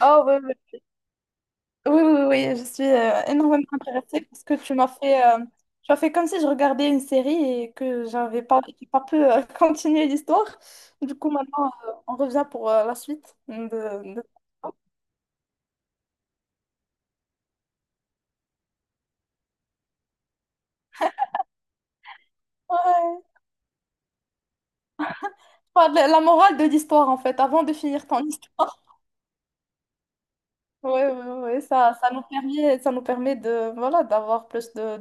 Oh, oui, oui, oui, oui, oui, je suis énormément intéressée parce que tu m'as fait, tu as fait comme si je regardais une série et que j'ai pas pu continuer l'histoire. Du coup, maintenant, on revient pour la suite de. Ouais. Enfin, de la morale de l'histoire, en fait, avant de finir ton histoire. Oui, oui, oui, ça nous ça nous permet de, voilà, d'avoir plus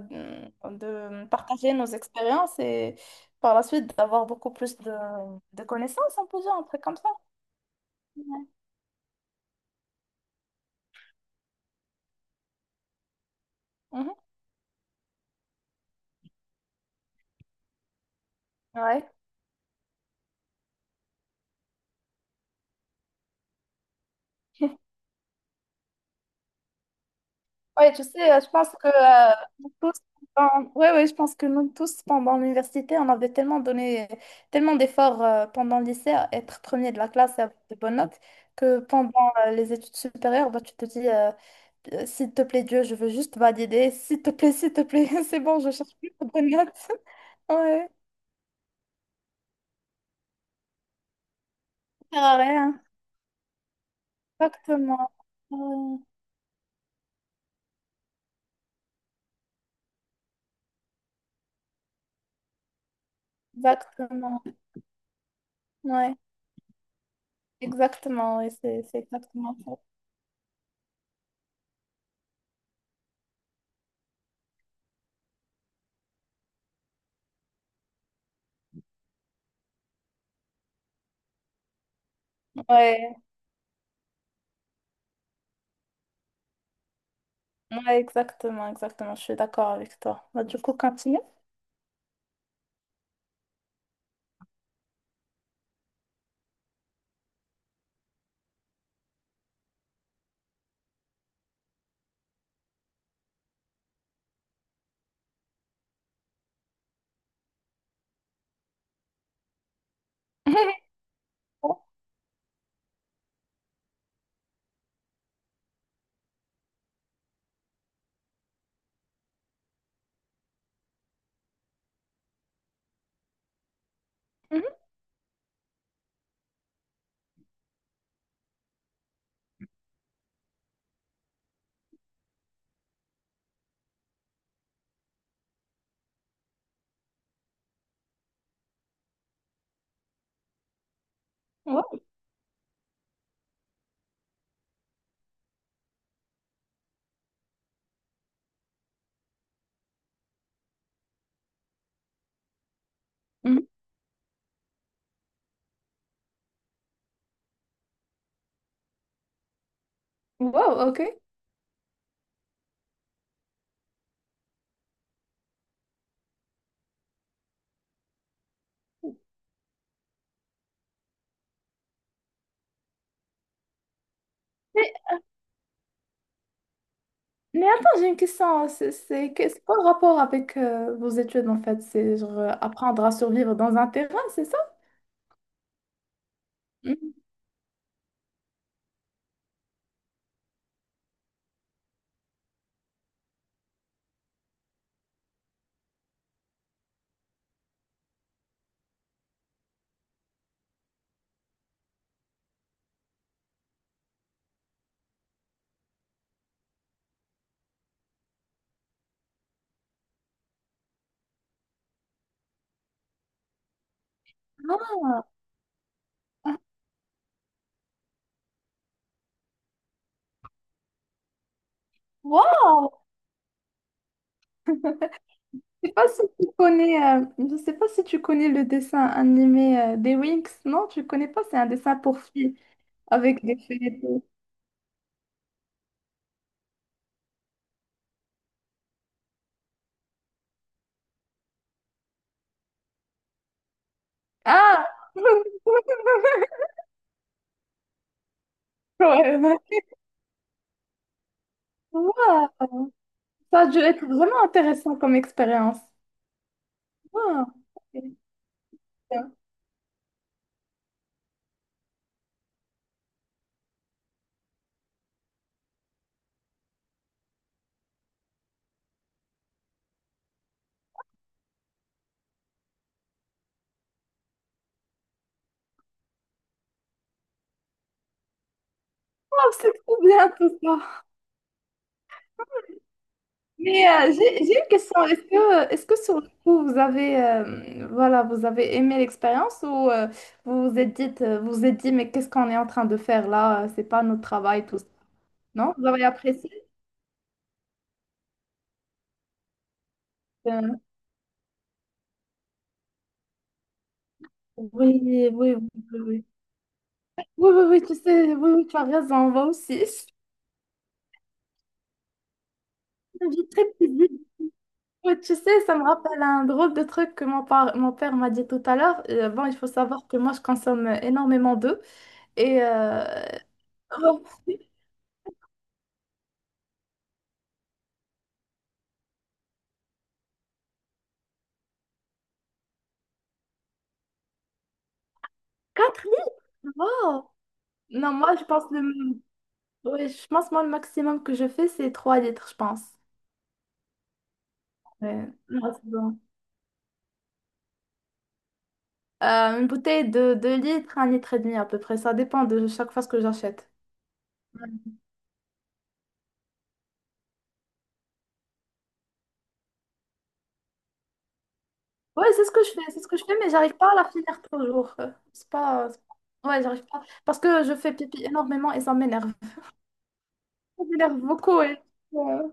de partager nos expériences et par la suite d'avoir beaucoup plus de connaissances, on peut dire, un truc comme ça. Mhm. Ouais. Ouais, tu sais, je pense que nous tous, ouais, ouais, je pense que nous tous, pendant l'université, on avait tellement donné, tellement d'efforts pendant le lycée à être premier de la classe et avoir de bonnes notes, que pendant les études supérieures, bah, tu te dis: s'il te plaît, Dieu, je veux juste valider, s'il te plaît, c'est bon, je cherche plus de bonnes notes. Ouais, ça sert à rien. Exactement. Ouais, exactement. Ouais, exactement. Ouais, c'est exactement ça. Ouais. Ouais, exactement, exactement, je suis d'accord avec toi. Bah, du coup, continue. Oh, mhm, wow, mhm. Wow, ok. Mais, mais attends, j'ai une question. C'est quoi le rapport avec vos études en fait? C'est genre apprendre à survivre dans un terrain, c'est ça? Mhm. Ah, wow! Je sais pas si tu connais, je sais pas si tu connais le dessin animé des Winx, non? Tu connais pas, c'est un dessin pour filles avec des feuilles et tout. Ah! Ouais, ouais. Waouh. Ça a dû être vraiment intéressant comme expérience. Waouh. Waouh, c'est trop bien tout ça. Mais j'ai une question. Est-ce que sur le coup, voilà, vous avez aimé l'expérience ou vous vous êtes dit, mais qu'est-ce qu'on est en train de faire là? C'est pas notre travail, tout ça. Non? Vous avez apprécié? Euh, oui, oui, oui, oui, oui. Oui, oui, oui, tu sais, oui, oui, tu as raison, moi aussi. Une vie très paisible. Ouais, tu sais, ça me rappelle un drôle de truc que mon père m'a dit tout à l'heure. Bon, il faut savoir que moi, je consomme énormément d'eau. Et oh, 4 litres? Wow! Non, moi, je pense ouais, je pense moi, le maximum que je fais, c'est 3 litres, je pense. Ouais. Non, c'est bon. Une bouteille de 2 litres, un litre et demi à peu près. Ça dépend de chaque fois ce que j'achète. Ouais, c'est ce que je fais, c'est ce que je fais, mais j'arrive pas à la finir toujours. C'est pas- ouais, j'arrive pas. Parce que je fais pipi énormément et ça m'énerve. Ça m'énerve beaucoup et, euh,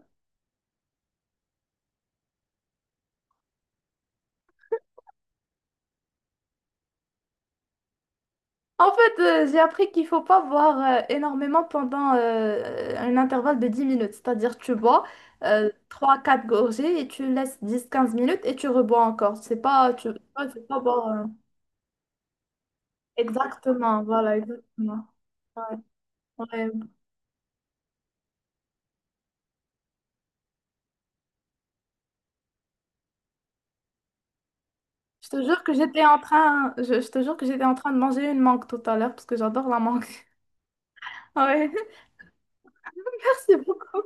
En fait, j'ai appris qu'il faut pas boire énormément pendant un intervalle de dix minutes. C'est-à-dire, tu bois trois quatre gorgées et tu laisses dix quinze minutes et tu rebois encore. C'est pas, ouais, c'est pas boire. Exactement, voilà, exactement. Ouais, ouais. Je te jure que j'étais en train, je te jure que j'étais en train de manger une mangue tout à l'heure parce que j'adore la mangue. Ouais, merci beaucoup.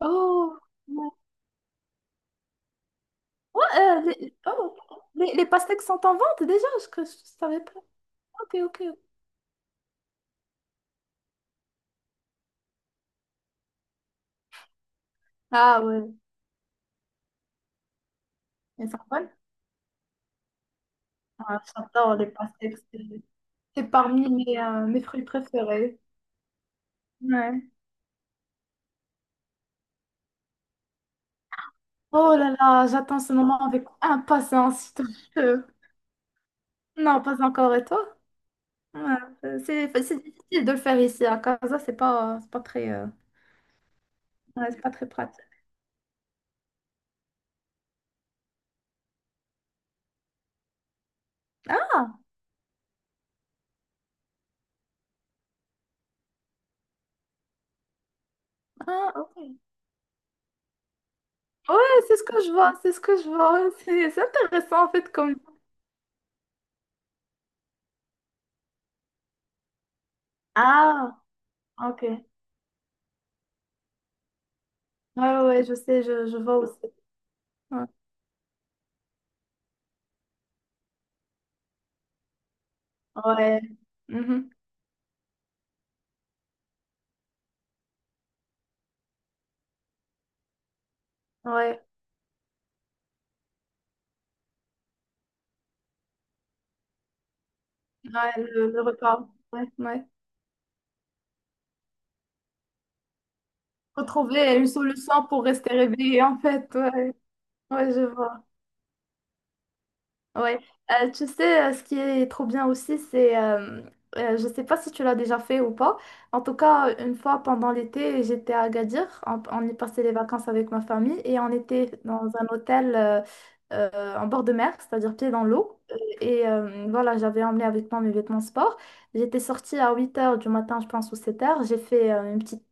Oh, ouais. Oh, les pastèques sont en vente déjà, que je savais pas. Ok, ok. Ah ouais, elles sont bonnes. Ah, j'adore les pastèques, c'est parmi mes, mes fruits préférés. Ouais. Oh là là, j'attends ce moment avec impatience, je te jure. Non, pas encore, et toi? Ouais, c'est difficile de le faire ici à Casa, c'est pas très. Ouais, c'est pas très pratique. Ah, ah, ok. Ouais, c'est ce que je vois, c'est ce que je vois. C'est intéressant en fait comme... Ah, ok. Ouais, ouais, ouais, je sais, je vois aussi. Ouais, Ouais. Mhm. Ouais, ouais, le repas. Ouais. Ouais. Retrouver une solution pour rester réveillé en fait. Ouais, ouais, je vois. Ouais, euh, tu sais, ce qui est trop bien aussi, c'est je sais pas si tu l'as déjà fait ou pas. En tout cas, une fois pendant l'été, j'étais à Agadir. On y passait les vacances avec ma famille et on était dans un hôtel en bord de mer, c'est-à-dire pied dans l'eau. Et voilà, j'avais emmené avec moi mes vêtements sport. J'étais sortie à huit heures du matin, je pense, ou sept heures. J'ai fait une petite,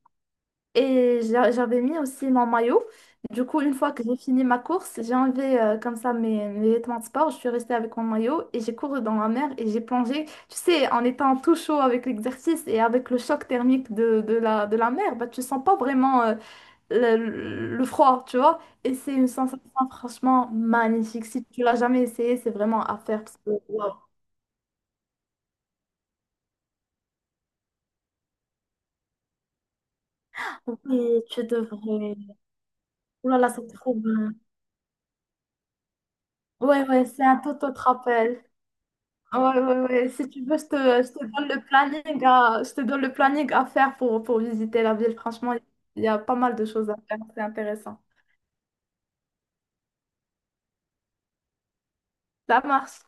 et j'avais mis aussi mon maillot. Du coup, une fois que j'ai fini ma course, j'ai enlevé comme ça mes vêtements de sport. Je suis restée avec mon maillot et j'ai couru dans la mer et j'ai plongé. Tu sais, en étant tout chaud avec l'exercice et avec le choc thermique de la mer, bah, tu sens pas vraiment le froid, tu vois. Et c'est une sensation franchement magnifique. Si tu l'as jamais essayé, c'est vraiment à faire. Parce que, wow. Oui, tu devrais. Ouh là là, c'est trop bien. Ouais, ouais, c'est un tout autre appel. Ah ouais, ouais, ouais. Si tu veux, je te donne le planning je te donne le planning à faire pour visiter la ville. Franchement, il y a pas mal de choses à faire. C'est intéressant. Ça marche.